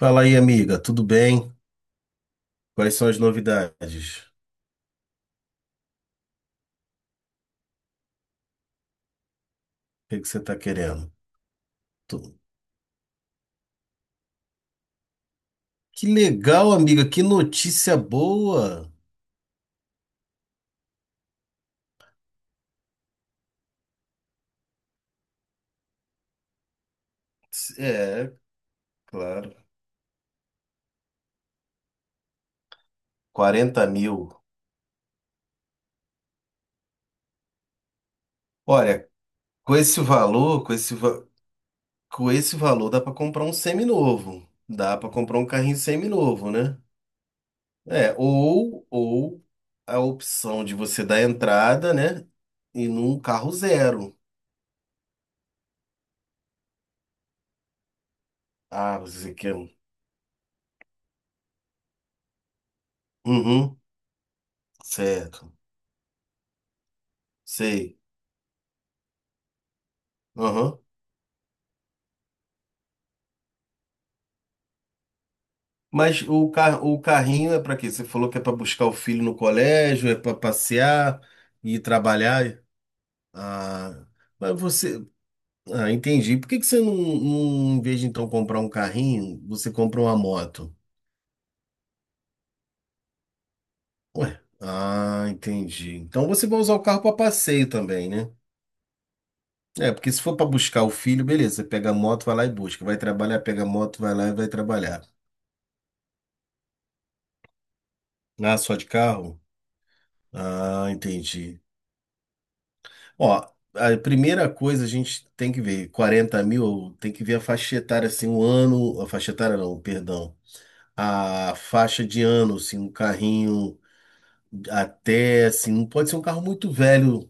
Fala aí, amiga, tudo bem? Quais são as novidades? O que que você está querendo? Tu- Que legal, amiga, que notícia boa! É, claro. 40 mil. Olha, com esse valor, com esse, va- com esse valor dá para comprar um semi-novo. Dá para comprar um carrinho semi-novo, né? É, ou a opção de você dar entrada, né? E num carro zero. Ah, você quer um. Uhum, certo. Sei. Aham. Mas o carrinho é para quê? Você falou que é para buscar o filho no colégio, é para passear e trabalhar. Ah, mas você. Ah, entendi. Por que que você não, em vez de então comprar um carrinho, você compra uma moto? Ué. Ah, entendi. Então você vai usar o carro para passeio também, né? É, porque se for para buscar o filho, beleza, você pega a moto, vai lá e busca. Vai trabalhar, pega a moto, vai lá e vai trabalhar. Ah, só de carro? Ah, entendi. Ó, a primeira coisa a gente tem que ver, 40 mil, tem que ver a faixa etária, assim, o ano, a faixa etária não, perdão, a faixa de ano, assim, um carrinho até, assim, não pode ser um carro muito velho,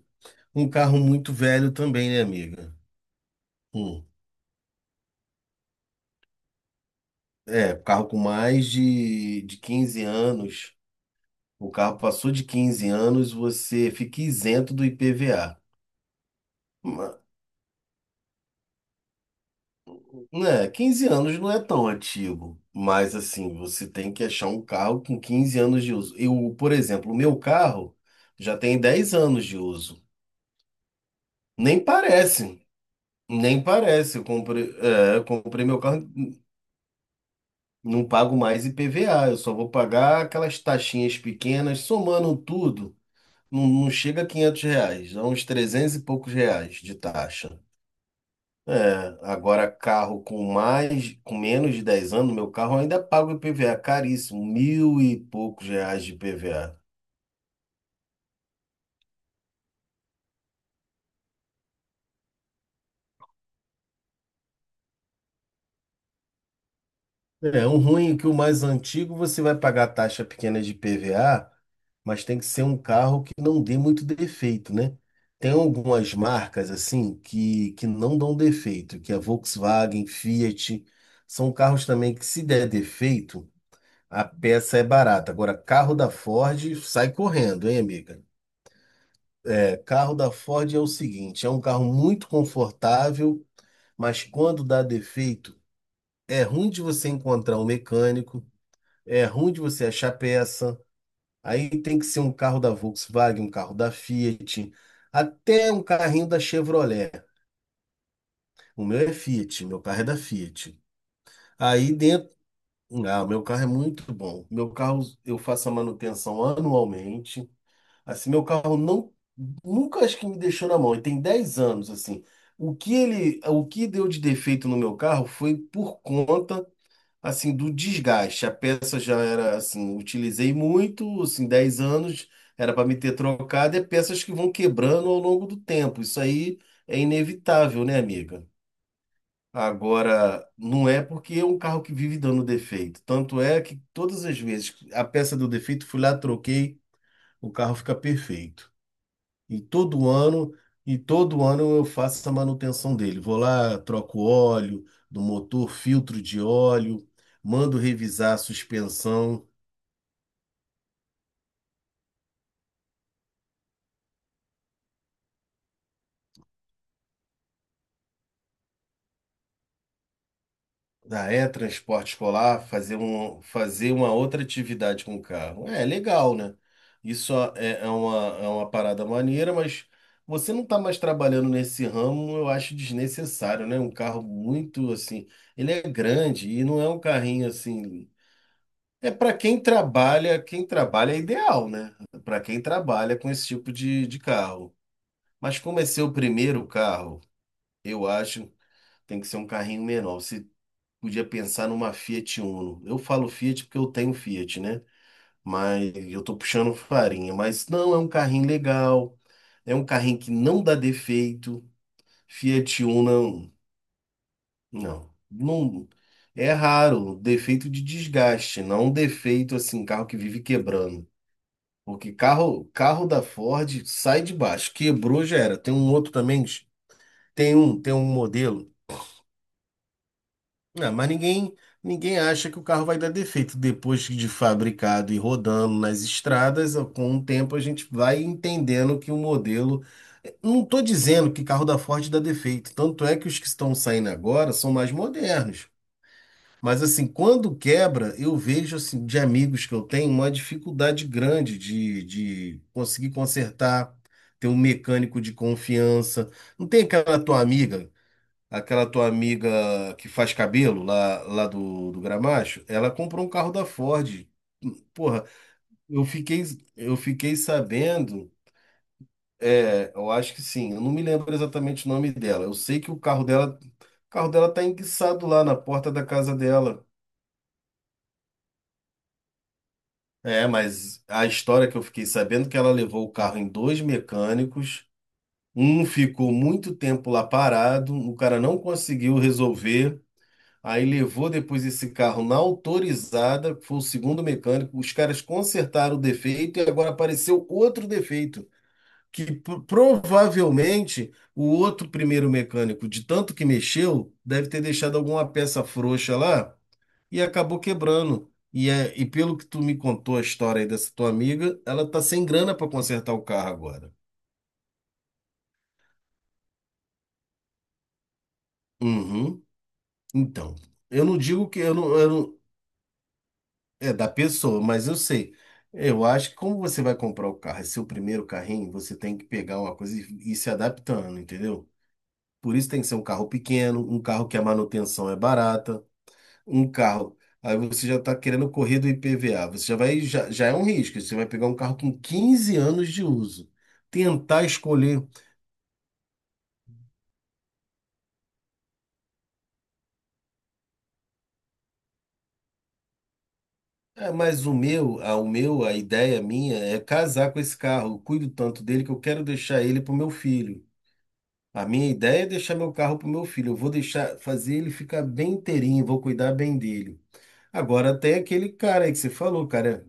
um carro muito velho também, né, amiga? Hum. É, carro com mais de 15 anos, o carro passou de 15 anos, você fica isento do IPVA. Né, 15 anos não é tão antigo, mas assim, você tem que achar um carro com 15 anos de uso. Eu, por exemplo, o meu carro já tem 10 anos de uso. Nem parece, nem parece. Eu comprei meu carro, não pago mais IPVA, eu só vou pagar aquelas taxinhas pequenas, somando tudo, não, não chega a R$ 500, dá uns 300 e poucos reais de taxa. É, agora carro com mais, com menos de 10 anos, meu carro ainda paga o IPVA caríssimo, mil e poucos reais de IPVA. É, um ruim é que o mais antigo você vai pagar taxa pequena de IPVA, mas tem que ser um carro que não dê muito defeito, né? Tem algumas marcas assim que não dão defeito, que é Volkswagen, Fiat, são carros também que se der defeito, a peça é barata. Agora, carro da Ford sai correndo, hein, amiga? Carro da Ford é o seguinte, é um carro muito confortável, mas quando dá defeito, é ruim de você encontrar um mecânico, é ruim de você achar peça. Aí tem que ser um carro da Volkswagen, um carro da Fiat, até um carrinho da Chevrolet. O meu é Fiat, meu carro é da Fiat. Aí dentro, ah, o meu carro é muito bom. Meu carro eu faço a manutenção anualmente. Assim, meu carro não, nunca acho que me deixou na mão. E tem 10 anos, assim. O que deu de defeito no meu carro foi por conta, assim, do desgaste. A peça já era, assim, utilizei muito, assim, 10 anos, era para me ter trocado, é peças que vão quebrando ao longo do tempo. Isso aí é inevitável, né, amiga? Agora, não é porque é um carro que vive dando defeito. Tanto é que todas as vezes que a peça deu defeito, fui lá, troquei, o carro fica perfeito. E todo ano, e todo ano eu faço essa manutenção dele. Vou lá, troco óleo do motor, filtro de óleo, mando revisar a suspensão da transporte escolar, fazer uma outra atividade com o carro. É legal, né? Isso é uma parada maneira, mas você não está mais trabalhando nesse ramo, eu acho desnecessário, né? Um carro muito assim, ele é grande e não é um carrinho assim. É para quem trabalha é ideal, né? Para quem trabalha com esse tipo de carro. Mas como é seu primeiro carro, eu acho que tem que ser um carrinho menor. Você podia pensar numa Fiat Uno. Eu falo Fiat porque eu tenho Fiat, né? Mas eu tô puxando farinha. Mas não, é um carrinho legal. É um carrinho que não dá defeito. Fiat Uno, não, não. É raro, defeito de desgaste, não um defeito assim, carro que vive quebrando. Porque carro da Ford sai de baixo, quebrou já era. Tem um outro também, tem um modelo. Ah, mas ninguém acha que o carro vai dar defeito depois de fabricado e rodando nas estradas. Com o tempo a gente vai entendendo que o modelo. Não estou dizendo que carro da Ford dá defeito, tanto é que os que estão saindo agora são mais modernos. Mas assim, quando quebra, eu vejo assim, de amigos que eu tenho uma dificuldade grande de conseguir consertar, ter um mecânico de confiança. Não tem aquela tua amiga que faz cabelo lá do Gramacho? Ela comprou um carro da Ford. Porra, eu fiquei, eu fiquei sabendo, é, eu acho que sim, eu não me lembro exatamente o nome dela. Eu sei que o carro dela tá enguiçado lá na porta da casa dela. É, mas a história que eu fiquei sabendo é que ela levou o carro em dois mecânicos, um ficou muito tempo lá parado, o cara não conseguiu resolver, aí levou depois esse carro na autorizada, que foi o segundo mecânico, os caras consertaram o defeito e agora apareceu outro defeito, que provavelmente o outro primeiro mecânico, de tanto que mexeu, deve ter deixado alguma peça frouxa lá e acabou quebrando. E pelo que tu me contou a história aí dessa tua amiga, ela tá sem grana para consertar o carro agora. Uhum. Então, eu não digo que eu não- é da pessoa, mas eu sei. Eu acho que como você vai comprar o carro, é seu primeiro carrinho, você tem que pegar uma coisa e ir se adaptando, entendeu? Por isso tem que ser um carro pequeno, um carro que a manutenção é barata. Um carro. Aí você já está querendo correr do IPVA. Você já vai, já é um risco. Você vai pegar um carro com 15 anos de uso. Tentar escolher. É, mas a ideia minha é casar com esse carro. Eu cuido tanto dele que eu quero deixar ele para o meu filho. A minha ideia é deixar meu carro para o meu filho. Eu vou deixar, fazer ele ficar bem inteirinho, vou cuidar bem dele. Agora tem aquele cara aí que você falou, cara.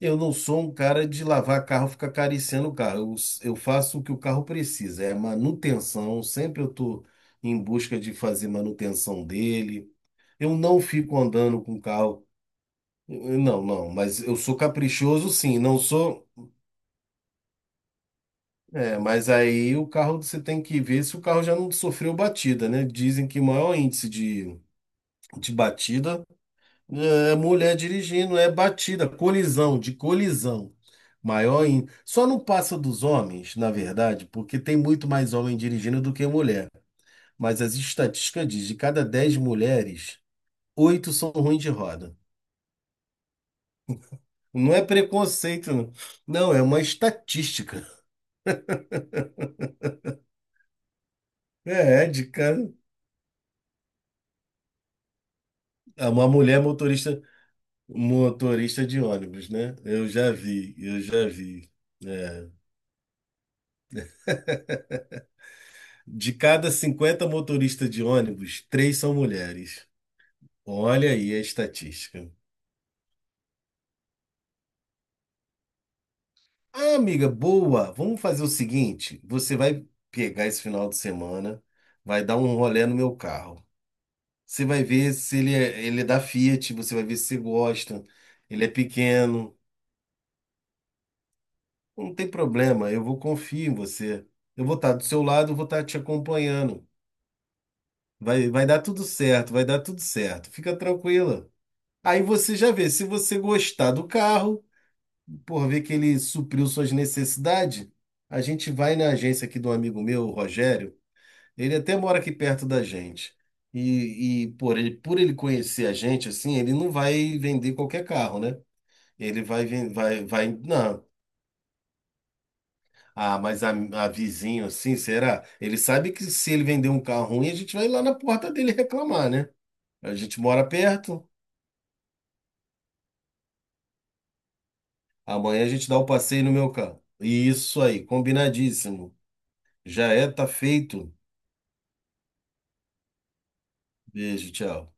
Eu não sou um cara de lavar carro, ficar acariciando o carro. Eu faço o que o carro precisa, é manutenção. Sempre eu estou em busca de fazer manutenção dele. Eu não fico andando com o carro. Não, não, mas eu sou caprichoso, sim. Não sou. É, mas aí o carro você tem que ver se o carro já não sofreu batida, né? Dizem que o maior índice de batida. É, mulher dirigindo é batida, colisão, de colisão. Maior em. Só não passa dos homens, na verdade, porque tem muito mais homem dirigindo do que mulher. Mas as estatísticas dizem, de cada 10 mulheres, oito são ruins de roda. Não é preconceito, não. Não, é uma estatística. É de cara. É. Uma mulher motorista, motorista de ônibus, né? Eu já vi, eu já vi. É. De cada 50 motoristas de ônibus, três são mulheres. Olha aí a estatística. Ah, amiga, boa! Vamos fazer o seguinte: você vai pegar esse final de semana, vai dar um rolê no meu carro. Você vai ver se ele é da Fiat, você vai ver se você gosta. Ele é pequeno. Não tem problema, eu vou confiar em você. Eu vou estar do seu lado, eu vou estar te acompanhando. Vai dar tudo certo, vai dar tudo certo. Fica tranquila. Aí você já vê se você gostar do carro, por ver que ele supriu suas necessidades, a gente vai na agência aqui do amigo meu, o Rogério. Ele até mora aqui perto da gente. E por ele, conhecer a gente, assim, ele não vai vender qualquer carro, né? Ele vai, não. Ah, mas a vizinho, assim, será? Ele sabe que se ele vender um carro ruim, a gente vai lá na porta dele reclamar, né? A gente mora perto, amanhã a gente dá o passeio no meu carro. Isso aí, combinadíssimo. Já é, tá feito. Beijo, tchau.